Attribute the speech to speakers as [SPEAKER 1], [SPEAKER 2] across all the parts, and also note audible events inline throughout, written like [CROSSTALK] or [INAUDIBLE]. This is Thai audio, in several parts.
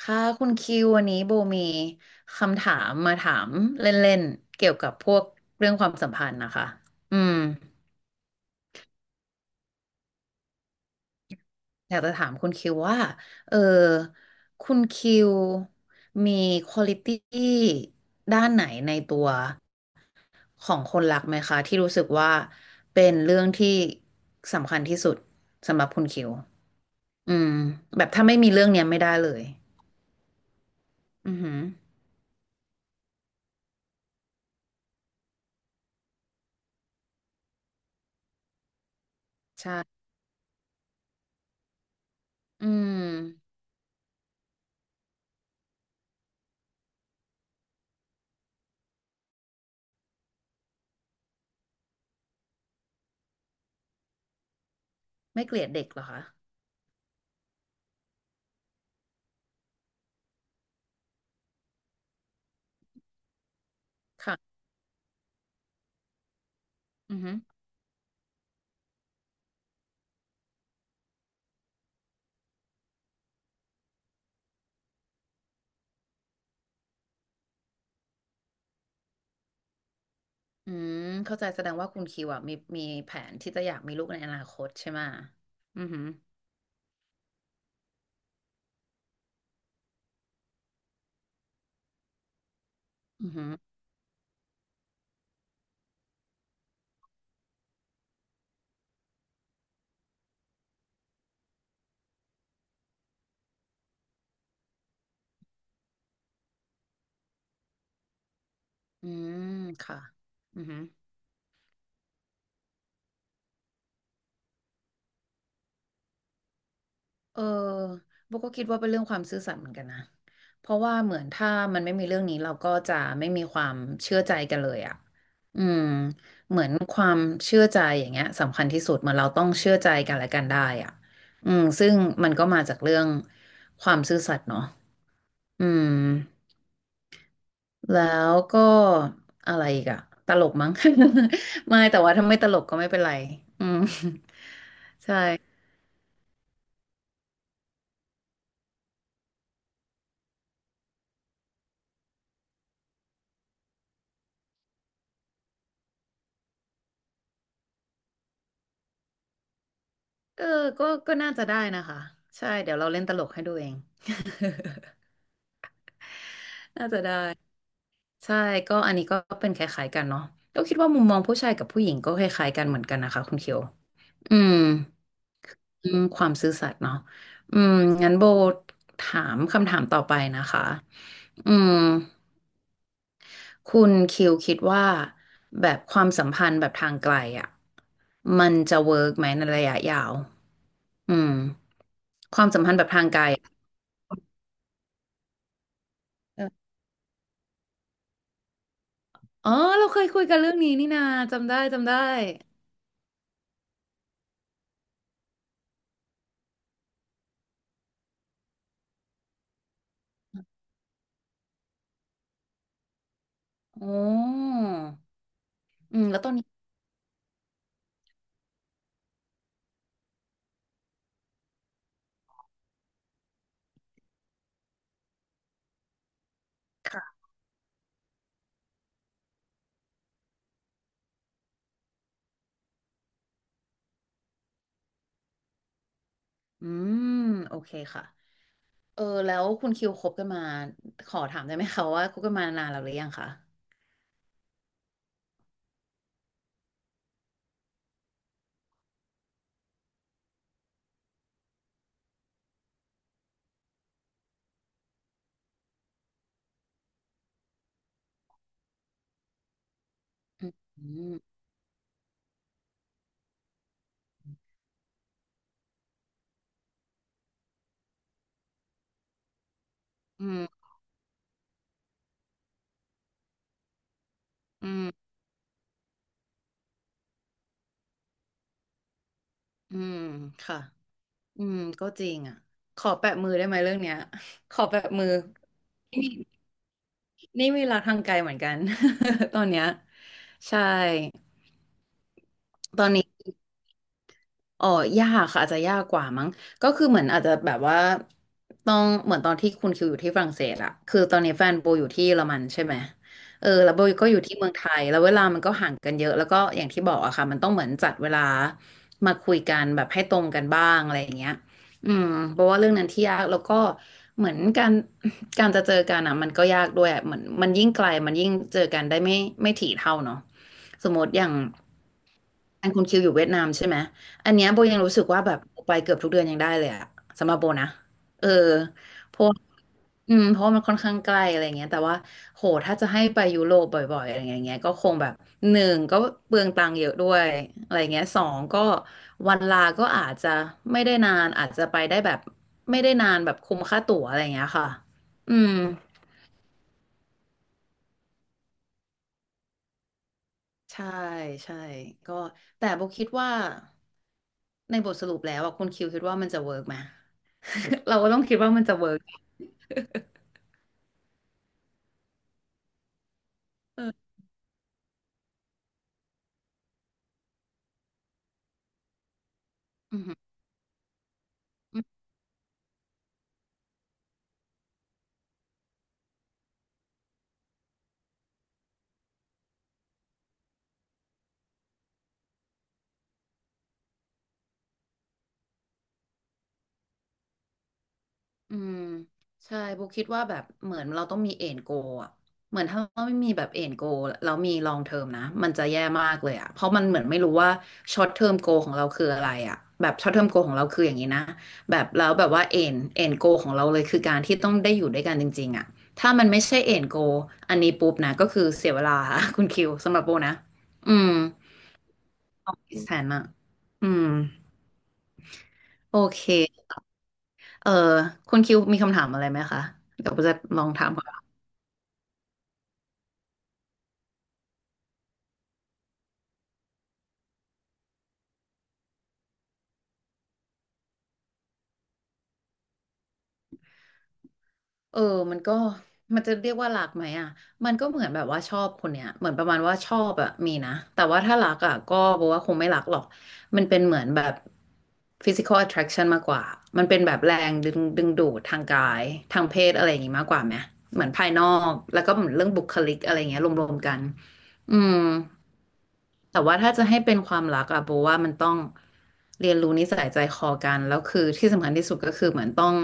[SPEAKER 1] ค่ะคุณคิววันนี้โบมีคำถามมาถามเล่นๆเกี่ยวกับพวกเรื่องความสัมพันธ์นะคะอืมอยากจะถามคุณคิวว่าเออคุณคิวมีควอลิตี้ด้านไหนในตัวของคนรักไหมคะที่รู้สึกว่าเป็นเรื่องที่สำคัญที่สุดสำหรับคุณคิวอืมแบบถ้าไม่มีเรื่องเนี้ยไม่ได้เลยอือหือใช่อืมไม่เกลียดเด็กเหรอคะค่ะอือฮึ อืมเข้าใจแสดงว่าคุณคิวอะมีแผนที่จะอยากมีลูกในอนาคตใช่ไหมะอือหืออือหืออืมค่ะอือหือเออโบก็คิดว่าเป็นเรื่องความซื่อสัตย์เหมือนกันนะเพราะว่าเหมือนถ้ามันไม่มีเรื่องนี้เราก็จะไม่มีความเชื่อใจกันเลยอ่ะอืมเหมือนความเชื่อใจอย่างเงี้ยสำคัญที่สุดเหมือนเราต้องเชื่อใจกันและกันได้อ่ะอืมซึ่งมันก็มาจากเรื่องความซื่อสัตย์เนาะอืม แล้วก็อะไรอีกอะตลกมั้ง [LAUGHS] ไม่แต่ว่าถ้าไม่ตลกก็ไม่เป็นไรอืม [LAUGHS] เออก็ก็น่าจะได้นะคะใช่เดี๋ยวเราเล่นตลกให้ดูเอง [LAUGHS] ใช่ก็อันนี้ก็เป็นคล้ายๆกันเนาะก็คิดว่ามุมมองผู้ชายกับผู้หญิงก็คล้ายๆกันเหมือนกันนะคะคุณเคียวอืมอืมความซื่อสัตย์เนาะอืมงั้นโบถามคำถามต่อไปนะคะอืม คุณคิวคิดว่าแบบความสัมพันธ์แบบทางไกลอ่ะมันจะเวิร์กไหมในระยะยาวอืมเอออ๋อเราเคยคุยกันเรื่องนี้นี่นาจำได้จำได้โอ้อืมแล้วตอนนี้อืมโอเคค่ะเออแล้วคุณคิวคบกันมาขอถามได้ไหมคะว่าคบกันมานานแล้วหรือยังคะอืมอืมอืมอืมค่ะอืมก็จริงอ่ะขอแปะมือได้ไหมเรื่องเนี้ย [LAUGHS] ขอแปะมือ นี่มีรักทางไกลเหมือนกัน [LAUGHS] ตอนเนี้ยใช่ตอนนี้ อ๋อยากค่ะอาจจะยากกว่ามั้งก็คือเหมือนอาจจะแบบว่าต้องเหมือนตอนที่คุณคิวอยู่ที่ฝรั่งเศสอะคือตอนนี้แฟนโบอยู่ที่เยอรมันใช่ไหมเออแล้วโบก็อยู่ที่เมืองไทยแล้วเวลามันก็ห่างกันเยอะแล้วก็อย่างที่บอกอะค่ะมันต้องเหมือนจัดเวลามาคุยกันแบบให้ตรงกันบ้างอะไรอย่างเงี้ยอืมเพราะว่าเรื่องนั้นที่ยากแล้วก็เหมือนการจะเจอกันอะมันก็ยากด้วยอะเหมือนมันยิ่งไกลมันยิ่งเจอกันได้ไม่ถี่เท่าเนาะสมมติอย่างอันคุณคิวอยู่เวียดนามใช่ไหม อันเนี้ยโบยังรู้สึกว่าแบบไปเกือบทุกเดือนยังได้เลยอะสำหรับโบนะเออเพราะอืมเพราะวมันค่อนข้างใกล้อะไรเงี้ยแต่ว่าโหถ้าจะให้ไปยุโรปบ่อยๆอะไรเงี้ยก็คงแบบหนึ่งก็เปลืองตังค์เยอะด้วยอะไรเงี้ยสองก็วันลาก็อาจจะไม่ได้นานอาจจะไปได้แบบไม่ได้นานแบบคุ้มค่าตั๋วอะไรเงี้ยค่ะอืมใช่ใช่ก็แต่โบคิดว่าในบทสรุปแล้วอะคุณคิวคิดว่ามันจะเวิร์กไหม [LAUGHS] เราก็ต้องคิดว่ามันจะเวิร์ก อืมอืมอืมใช่โบคิดว่าแบบเหมือนเราต้องมีเอ็นโกอะเหมือนถ้าเราไม่มีแบบเอ็นโกแล้วมีลองเทอมนะ มันจะแย่มากเลยอะเพราะมันเหมือนไม่รู้ว่าช็อตเทอมโกของเราคืออะไรอะแบบช็อตเทอมโกของเราคืออย่างนี้นะแบบแล้วแบบว่าเอ็นโกของเราเลยคือการที่ต้องได้อยู่ด้วยกันจริงๆอะถ้ามันไม่ใช่เอ็นโกอันนี้ปุ๊บนะก็คือเสียเวลาค่ะ [LAUGHS] คุณคิวสำหรับโบนะ อืมออกแสนอะอืมโอเค เออคุณคิวมีคำถามอะไรไหมคะเดี๋ยวจะลองถามก่อนเออมันก็มันจะเรียกว่ารักไหมอ่ะมันก็เหมือนแบบว่าชอบคนเนี้ยเหมือนประมาณว่าชอบอะมีนะแต่ว่าถ้ารักอะก็บอกว่าคงไม่รักหรอกมันเป็นเหมือนแบบ physical attraction มากกว่ามันเป็นแบบแรงดึงดูดทางกายทางเพศอะไรอย่างงี้มากกว่าไหมเหมือนภายนอกแล้วก็เหมือนเรื่องบุคลิกอะไรอย่างเงี้ยรวมๆกันอืม แต่ว่าถ้าจะให้เป็นความรักอะโบว่ามันต้องเรียนรู้นิสัยใจคอกันแล้วคือที่สำคัญที่สุดก็คือเหมือนต้อง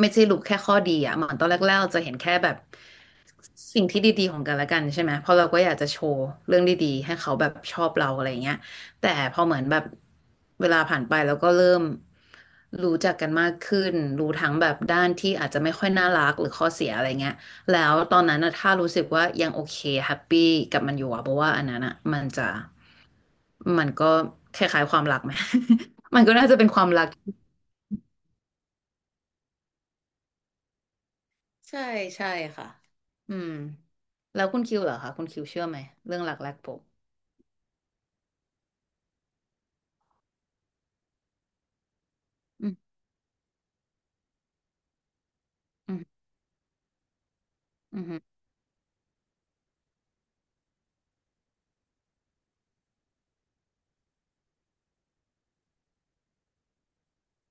[SPEAKER 1] ไม่ใช่รู้แค่ข้อดีอะเหมือนตอนแรกๆเราจะเห็นแค่แบบสิ่งที่ดีๆของกันและกันใช่ไหมเพราะเราก็อยากจะโชว์เรื่องดีๆให้เขาแบบชอบเราอะไรเงี้ยแต่พอเหมือนแบบเวลาผ่านไปแล้วก็เริ่มรู้จักกันมากขึ้นรู้ทั้งแบบด้านที่อาจจะไม่ค่อยน่ารักหรือข้อเสียอะไรเงี้ย แล้วตอนนั้นนะถ้ารู้สึกว่ายังโอเคแฮปปี้กับมันอยู่อะเพราะว่าอันนั้นอะมันจะมันก็คล้ายๆความรักไหม [LAUGHS] มันก็น่าจะเป็นความรักใช่ใช่ค่ะอืมแล้วคุณคิวเหรอคะคุณคิวเชื่อไหมเรื่องรักแรกพบอืมอืมอืมอ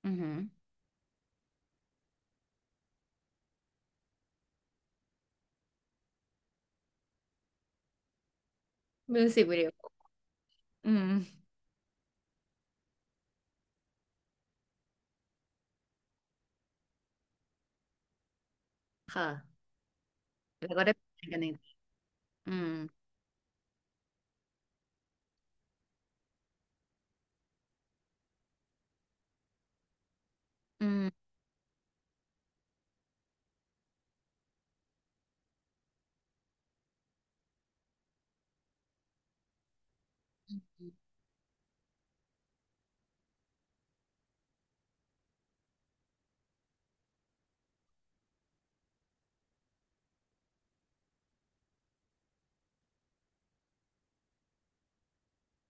[SPEAKER 1] ืมอืมมิวสิกวิดีโออืมค่ะแล้วก็ได้ไปกันจริงอืมอืม [LAUGHS]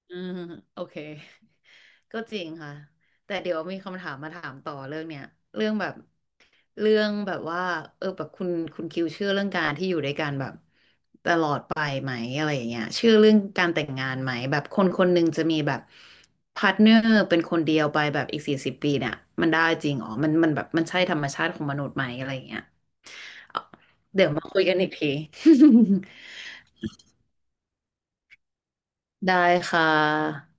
[SPEAKER 1] อืมโอเค [LAUGHS] ก็จริงค่ะแต่เดี๋ยวมีคำถามมาถามต่อเรื่องเนี้ยเรื่องแบบ เรื่องแบบว่าเออแบบคุณคิวเชื่อเรื่องการที่อยู่ด้วยกันแบบตลอดไปไหมอะไรอย่างเงี้ยเชื่อเรื่องการแต่งงานไหมแบบคนคนหนึ่งจะมีแบบพาร์ทเนอร์เป็นคนเดียวไปแบบอีก40 ปีเนี่ยมันได้จริงอ๋อมันมันแบบมันใช่ธรรมชาติของมนุษย์ไหมอะไรอย่างเงี้ยเอาเดี๋ยวมาคุยกันอีกที [LAUGHS] ได้ค่ะ